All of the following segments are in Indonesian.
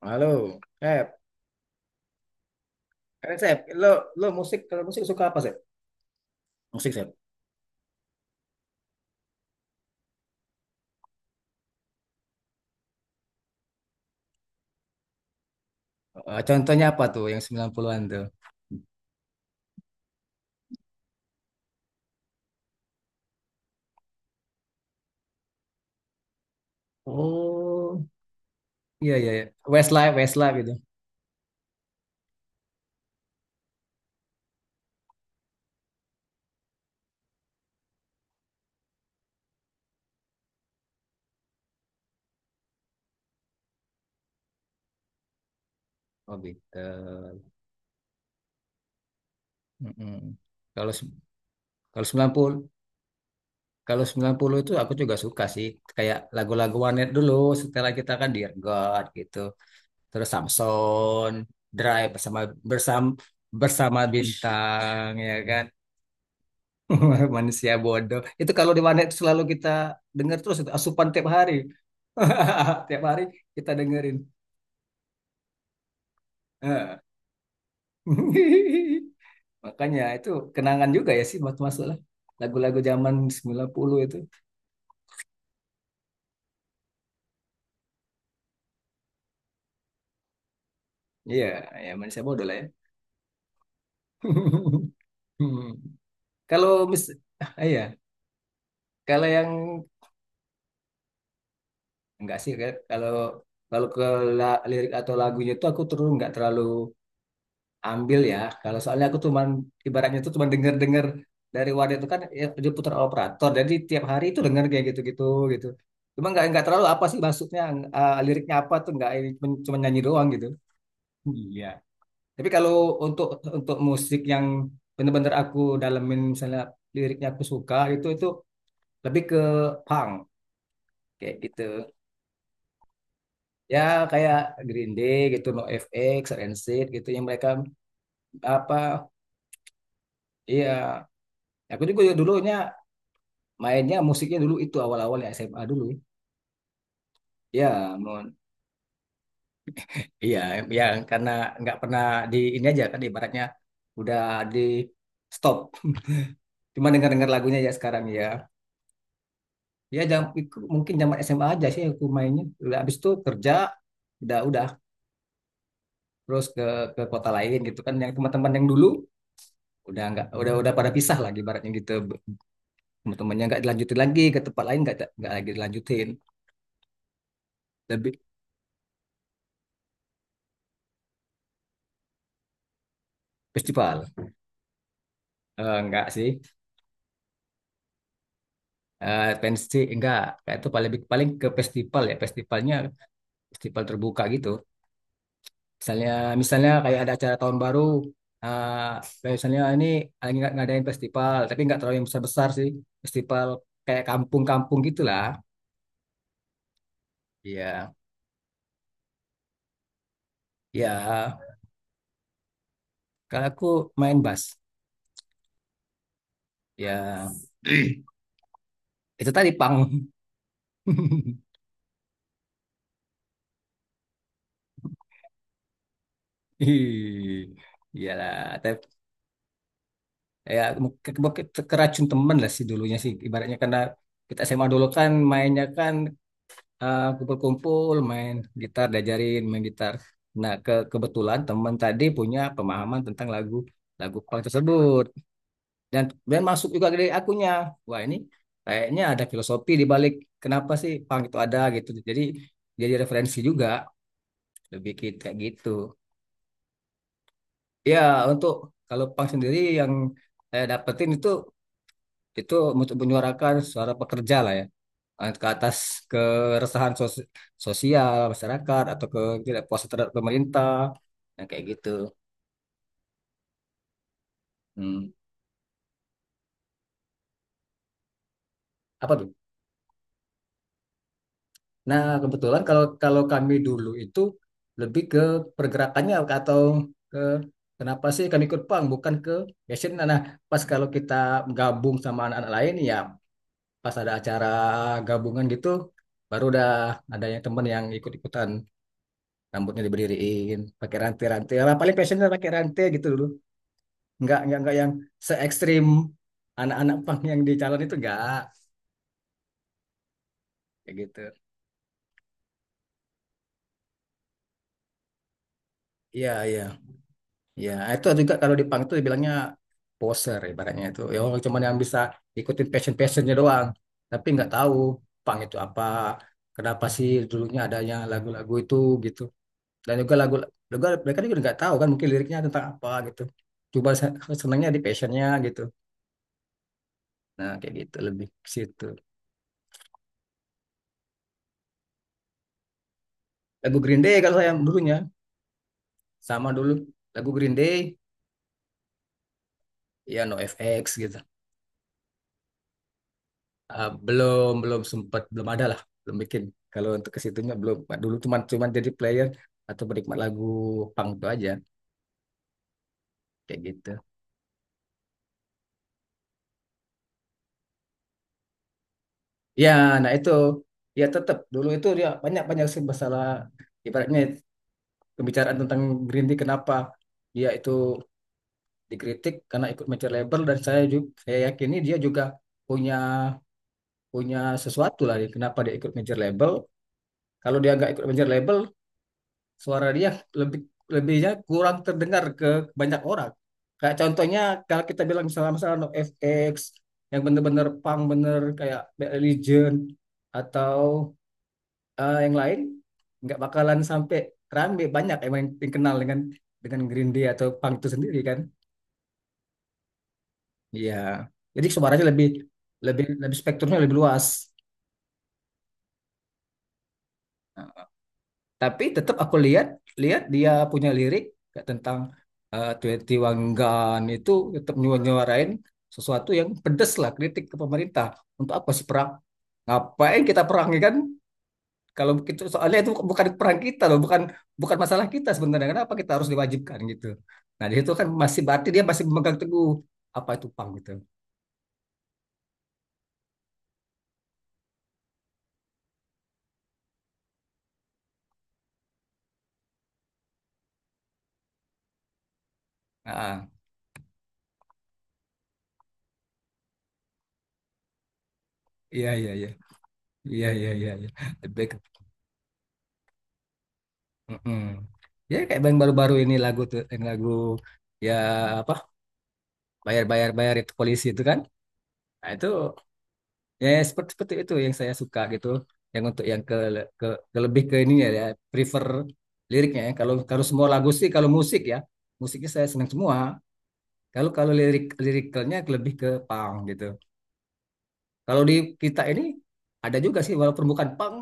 Halo, Sep. Keren, Sep. Lo musik, kalau musik suka apa, Sep? Musik, Sep. Contohnya apa tuh yang 90-an tuh? Oh, iya, iya, iya. Westlife gitu. Oh, Beatles. Mm-mm. Kalau se- kalau 90, kalau 90 itu aku juga suka sih. Kayak lagu-lagu Warnet dulu, setelah kita kan Dear God gitu. Terus Samson, Drive bersama bersama bersama bintang ya kan. Manusia bodoh. Itu kalau di warnet selalu kita dengar terus itu asupan tiap hari. Tiap hari kita dengerin. Eh. Makanya itu kenangan juga ya sih buat masuk lah. Lagu-lagu zaman 90 itu. Iya, ya manusia bodoh lah ya. Hmm. Kalau mis ah, iya, kalau yang enggak sih kayak- kalau kalau ke lirik atau lagunya itu aku terus nggak terlalu ambil ya. Kalau soalnya aku cuman ibaratnya tuh cuman denger-denger dari wadah itu kan ya, dia putar operator. Jadi tiap hari itu denger kayak gitu-gitu gitu. Cuma nggak terlalu apa sih maksudnya, liriknya apa tuh nggak ini, cuman cuman nyanyi doang gitu. Iya. Tapi kalau untuk untuk musik yang bener-bener aku dalemin, misalnya liriknya aku suka, itu lebih ke punk kayak gitu. Ya kayak Green Day gitu, NoFX, Rancid gitu yang mereka apa, iya. Aku juga dulunya mainnya musiknya dulu itu awal-awal ya SMA dulu ya, mon iya, ya karena nggak pernah di ini aja kan ibaratnya udah di stop, cuma dengar-dengar lagunya ya sekarang ya. Ya jam, mungkin zaman SMA aja sih aku mainnya, udah habis itu kerja, udah terus ke kota lain gitu kan, yang teman-teman yang dulu udah nggak, udah pada pisah lagi ibaratnya gitu, teman-temannya nggak dilanjutin lagi ke tempat lain, nggak lagi dilanjutin. Lebih festival. Nggak sih, pensi enggak, kayak itu paling paling ke festival, ya festivalnya festival terbuka gitu. Misalnya misalnya kayak ada acara tahun baru, eh, kayak misalnya ini lagi ngadain festival tapi nggak terlalu yang besar besar sih, festival kayak kampung-kampung gitulah. Iya, ya kalau aku main bass ya, itu tadi pang. Ih, iyalah tapi ya, keracun temen lah sih dulunya sih ibaratnya, karena kita SMA dulu kan mainnya kan, kumpul-kumpul main gitar, diajarin main gitar. Nah, ke kebetulan teman tadi punya pemahaman tentang lagu lagu punk tersebut, dan dan masuk juga dari akunya. Wah, ini kayaknya ada filosofi di balik kenapa sih punk itu ada gitu. Jadi referensi juga lebih kayak gitu. Ya, untuk kalau punk sendiri yang saya dapetin itu, itu untuk menyuarakan suara pekerja lah ya. Ke atas keresahan sosial masyarakat, atau ke tidak puas terhadap pemerintah yang kayak gitu. Hmm. Apa tuh? Nah, kebetulan kalau kalau kami dulu itu lebih ke pergerakannya atau ke kenapa sih kami ikut pang, bukan ke passion. Nah, nah, pas kalau kita gabung sama anak-anak lain ya, pas ada acara gabungan gitu, baru udah ada yang teman yang ikut-ikutan rambutnya diberdiriin pakai rantai-rantai lah, paling passionnya pakai rantai gitu dulu, nggak yang se ekstrim anak-anak pang yang di calon itu, nggak kayak gitu. Iya, iya, iya. Ah, itu juga kalau di pang itu dibilangnya poser ibaratnya, itu ya orang cuman yang bisa ikutin passionnya doang, tapi nggak tahu pang itu apa, kenapa sih dulunya adanya lagu-lagu itu gitu, dan juga lagu juga mereka juga nggak tahu kan mungkin liriknya tentang apa gitu, coba senangnya di passionnya gitu. Nah, kayak gitu, lebih ke situ. Lagu Green Day kalau saya dulunya, sama dulu lagu Green Day, ya NoFX gitu. Ah, belum belum sempat, belum ada lah, belum bikin. Kalau untuk ke situnya belum. Nah, dulu cuman cuman jadi player atau penikmat lagu punk itu aja, kayak gitu. Ya, nah itu, ya tetap dulu itu dia banyak banyak sih masalah ibaratnya, pembicaraan tentang Green Day, kenapa dia itu dikritik karena ikut major label, dan saya juga saya yakini dia juga punya punya sesuatu lah kenapa dia ikut major label. Kalau dia nggak ikut major label, suara dia lebih lebihnya kurang terdengar ke banyak orang. Kayak contohnya kalau kita bilang misalnya masalah No FX yang bener-bener punk bener kayak Bad Religion, atau yang lain, nggak bakalan sampai rame, banyak emang yang kenal dengan Green Day atau punk itu sendiri kan. Iya. Jadi suaranya lebih lebih lebih spektrumnya lebih luas. Nah, tapi tetap aku lihat lihat dia punya lirik kayak tentang, 21 Gun itu, tetap nyuarain sesuatu yang pedes lah, kritik ke pemerintah untuk apa sih perang, ngapain kita perang ya kan, kalau begitu soalnya itu bukan perang kita loh, bukan bukan masalah kita sebenarnya, kenapa kita harus diwajibkan gitu. Nah, di situ kan masih berarti dia masih memegang teguh apa itu pang gitu. Ah, iya, iya, iya, iya, iya, iya, iya. Lebih mm-mm. Ya kayak yang baru-baru ini lagu tuh yang lagu ya apa, bayar itu polisi itu kan. Nah, itu ya, ya, seperti seperti itu yang saya suka gitu. Yang untuk yang ke ke, ke lebih ke ini ya, ya, prefer liriknya ya. Kalau kalau semua lagu sih kalau musik ya, musiknya saya senang semua. Kalau kalau lirik lirikalnya lebih ke punk gitu. Kalau di kita ini ada juga sih walaupun bukan punk,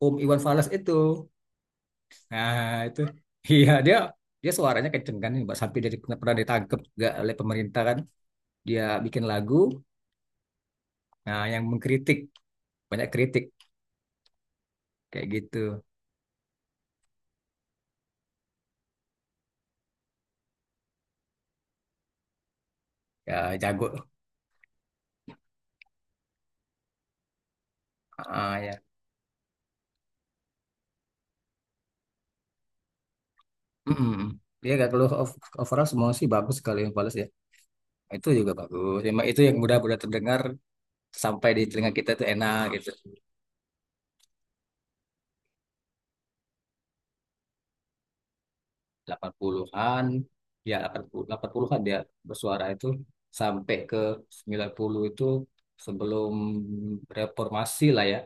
Om Iwan Fals itu. Nah, itu. Iya, dia dia suaranya kenceng kan, Mbak, sampai dia pernah pernah ditangkep juga oleh pemerintah kan. Dia bikin lagu nah yang mengkritik, banyak kritik kayak gitu, ya, jago. Ah, ya. Mm-mm. Dia gak keluh, overall semua sih bagus, kalau yang Palace ya itu juga bagus, memang itu yang mudah-mudah terdengar sampai di telinga kita itu enak gitu. 80-an, ya, 88, 80-an dia bersuara itu sampai ke 90 itu sebelum reformasi lah ya,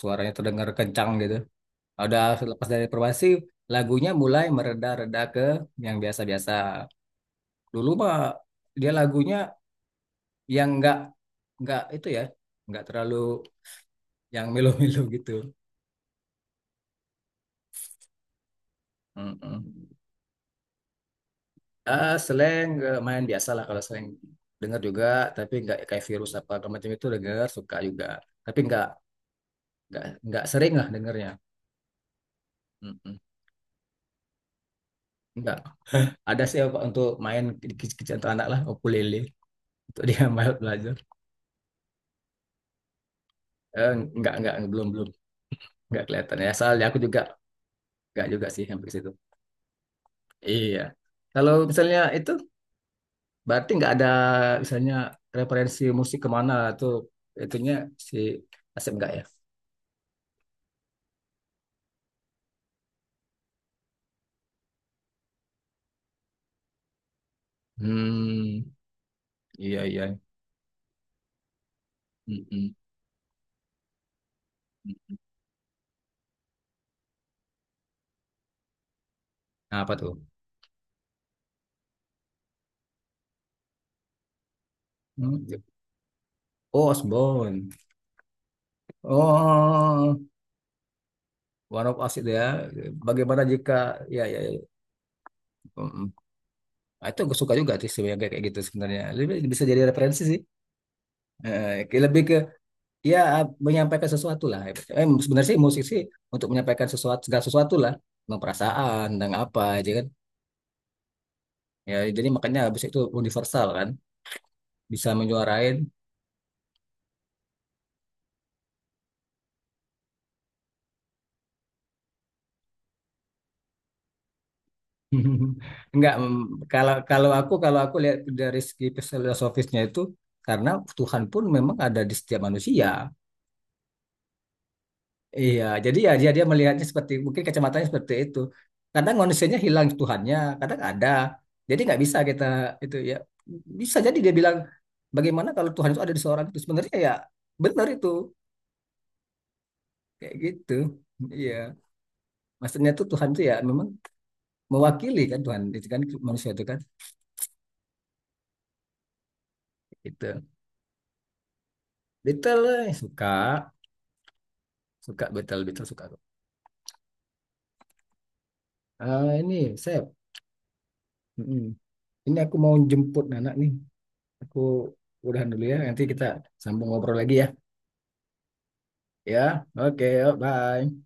suaranya terdengar kencang gitu. Udah lepas dari reformasi, lagunya mulai mereda-reda ke yang biasa-biasa, dulu mah dia lagunya yang nggak itu ya, nggak terlalu yang melo-melo. Gitu. Mm-mm. Ah, slang, main biasa lah, kalau slang dengar juga, tapi nggak kayak virus apa segala macam itu, dengar suka juga, tapi nggak sering lah dengarnya. Mm-mm. Nggak ada sih, apa, untuk main kecil-kecilan untuk anak lah, ukulele untuk dia main belajar. Eh, nggak belum belum, nggak kelihatan ya soalnya aku juga nggak juga sih sampai ke situ. Iya, kalau misalnya itu berarti nggak ada misalnya referensi musik kemana tuh itunya si Asep nggak ya? Hmm, iya, iya. Mm-mm. Nah, apa tuh? Hmm? Oh, Osborne. Oh, One of Us itu ya. Bagaimana jika, ya, ya, ya. Mm. Nah, itu gue suka juga sih yang kayak kayak gitu sebenarnya. Lebih bisa jadi referensi sih. Kayak lebih ke ya menyampaikan sesuatu lah. Sebenarnya sih musik sih untuk menyampaikan sesuatu, segala sesuatu lah. Tentang perasaan, tentang apa aja kan. Ya, jadi makanya habis itu universal kan, bisa menyuarain. Enggak, kalau kalau aku aku lihat dari segi filosofisnya itu, karena Tuhan pun memang ada di setiap manusia. Iya, jadi ya dia dia melihatnya seperti mungkin kacamatanya seperti itu. Kadang manusianya hilang Tuhannya, kadang ada. Jadi nggak bisa kita itu ya, bisa jadi dia bilang bagaimana kalau Tuhan itu ada di seorang itu sebenarnya, ya benar itu, kayak gitu. Iya, maksudnya tuh Tuhan tuh ya memang mewakili kan, Tuhan itu kan manusia itu kan, itu betul. Suka, betul, suka aku. Ah, ini saya mm, ini aku mau jemput anak nih, aku udahan dulu ya, nanti kita sambung ngobrol lagi ya. Ya, oke, yuk, bye.